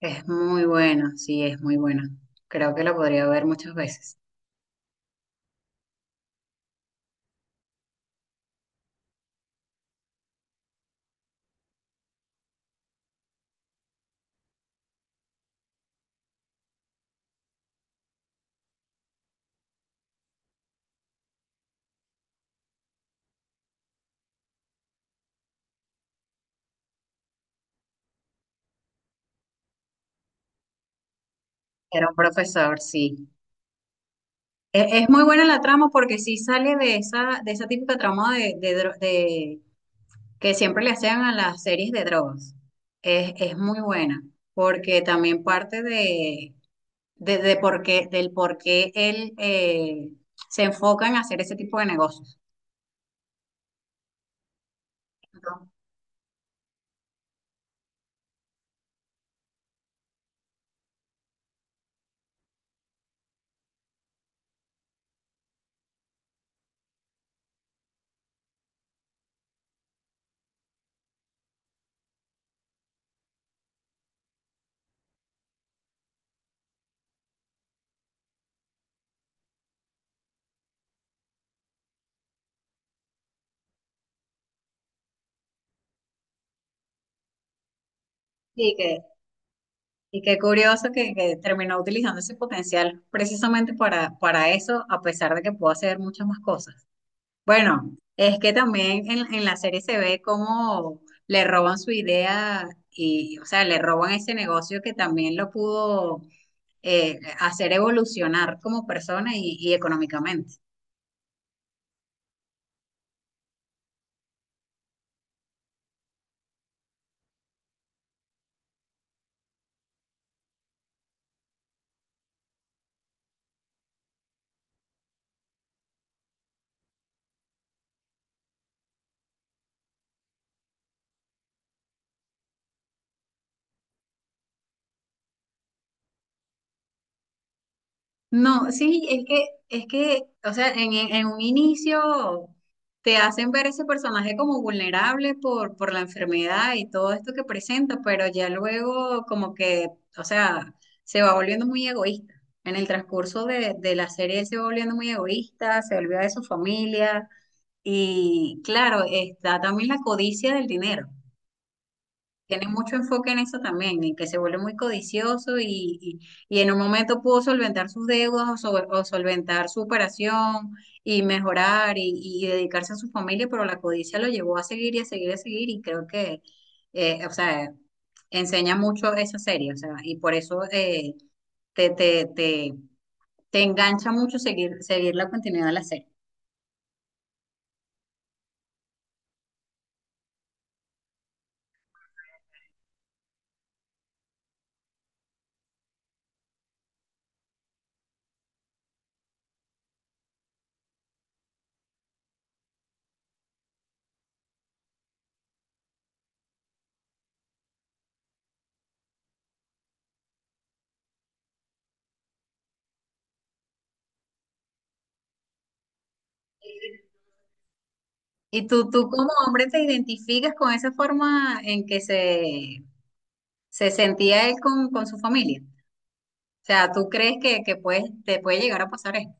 Es muy buena, sí, es muy buena. Creo que la podría ver muchas veces. Era un profesor, sí. Muy buena la trama porque sí sale de esa típica trama de que siempre le hacían a las series de drogas. Es muy buena porque también parte de por qué, del por qué él se enfoca en hacer ese tipo de negocios. ¿No? Sí, que y qué curioso que terminó utilizando ese potencial precisamente para eso, a pesar de que pudo hacer muchas más cosas. Bueno, es que también en la serie se ve cómo le roban su idea y, o sea, le roban ese negocio que también lo pudo hacer evolucionar como persona y económicamente. No, sí, o sea, en un inicio te hacen ver ese personaje como vulnerable por la enfermedad y todo esto que presenta, pero ya luego como que, o sea, se va volviendo muy egoísta. En el transcurso de la serie él se va volviendo muy egoísta, se olvida de su familia y claro, está también la codicia del dinero, tiene mucho enfoque en eso también, en que se vuelve muy codicioso y en un momento pudo solventar sus deudas o solventar su operación y mejorar y dedicarse a su familia, pero la codicia lo llevó a seguir y a seguir y a seguir y creo que, o sea, enseña mucho esa serie, o sea, y por eso te, te, te, te engancha mucho seguir, seguir la continuidad de la serie. ¿Y tú como hombre te identificas con esa forma en que se sentía él con su familia? O sea, ¿tú crees que puedes, te puede llegar a pasar esto?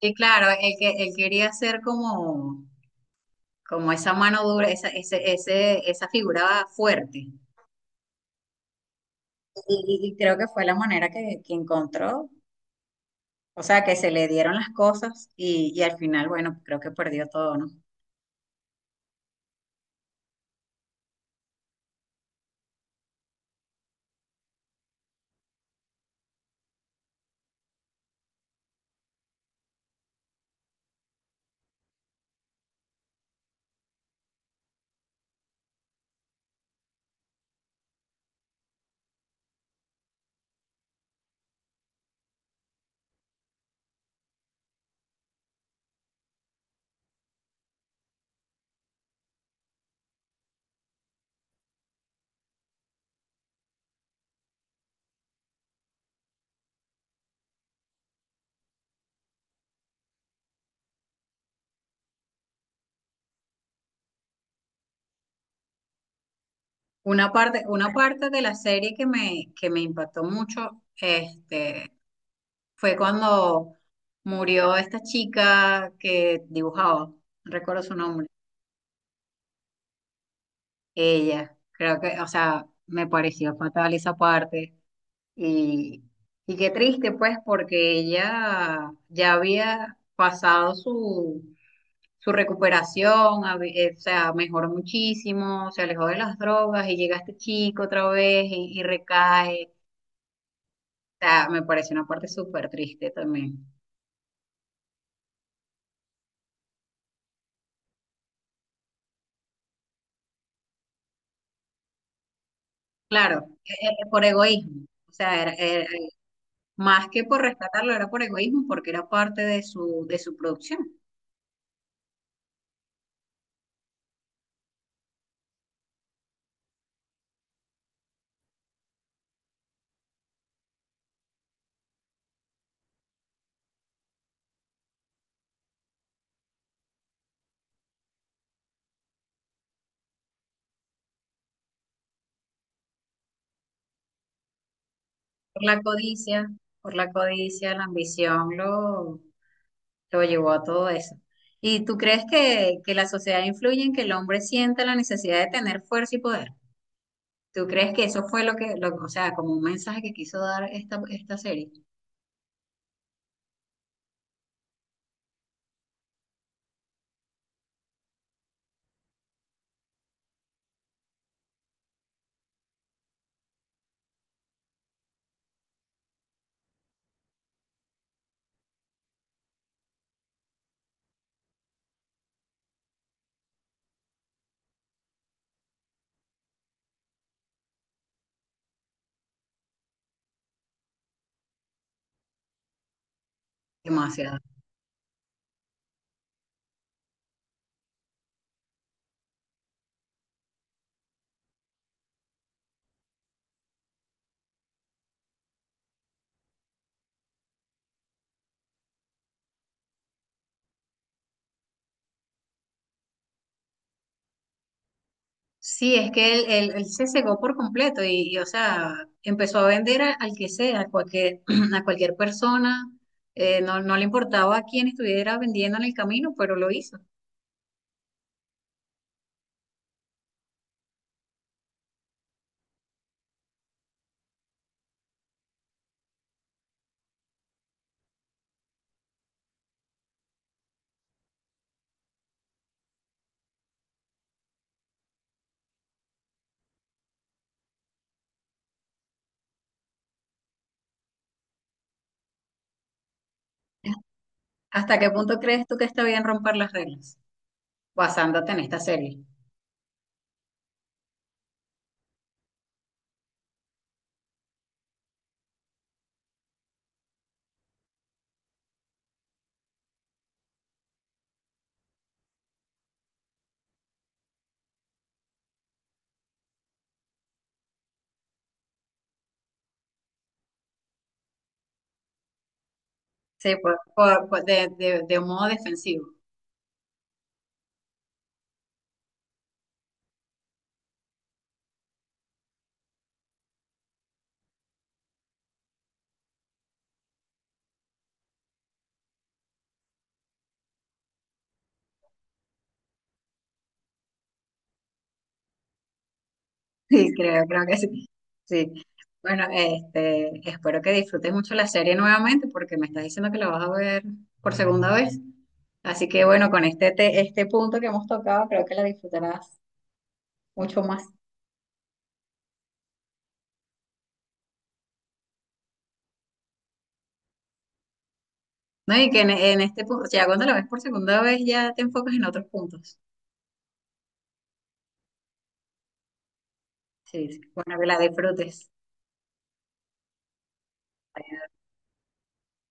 Y claro, él, que, él quería ser como, como esa mano dura, esa, ese, esa figura fuerte. Y creo que fue la manera que encontró. O sea, que se le dieron las cosas y al final, bueno, creo que perdió todo, ¿no? Una parte de la serie que me impactó mucho, este, fue cuando murió esta chica que dibujaba, no recuerdo su nombre. Ella, creo que, o sea, me pareció fatal esa parte. Y, y qué triste, pues, porque ella ya había pasado su, su recuperación, o sea, mejoró muchísimo, se alejó de las drogas y llega este chico otra vez y recae. O sea, me pareció una parte súper triste también. Claro, por egoísmo. O sea, más que por rescatarlo, era por egoísmo porque era parte de su producción. Por la codicia, por la codicia, la ambición lo llevó a todo eso. ¿Y tú crees que la sociedad influye en que el hombre sienta la necesidad de tener fuerza y poder? ¿Tú crees que eso fue lo que, lo- o sea, como un mensaje que quiso dar esta, esta serie? Demasiado. Sí, es que él- él se cegó por completo y, o sea, empezó a vender al que sea, a cualquier, a cualquier persona. No, no le importaba a quién estuviera vendiendo en el camino, pero lo hizo. ¿Hasta qué punto crees tú que está bien romper las reglas? Basándote en esta serie. Sí, de un modo defensivo. Sí, creo, creo que sí. Sí. Bueno, este, espero que disfrutes mucho la serie nuevamente porque me estás diciendo que la vas a ver por segunda vez. Así que bueno, con este, este punto que hemos tocado, creo que la disfrutarás mucho más. No, y que en este punto, ya cuando la ves por segunda vez, ya te enfocas en otros puntos. Sí, sí. Bueno, que la disfrutes.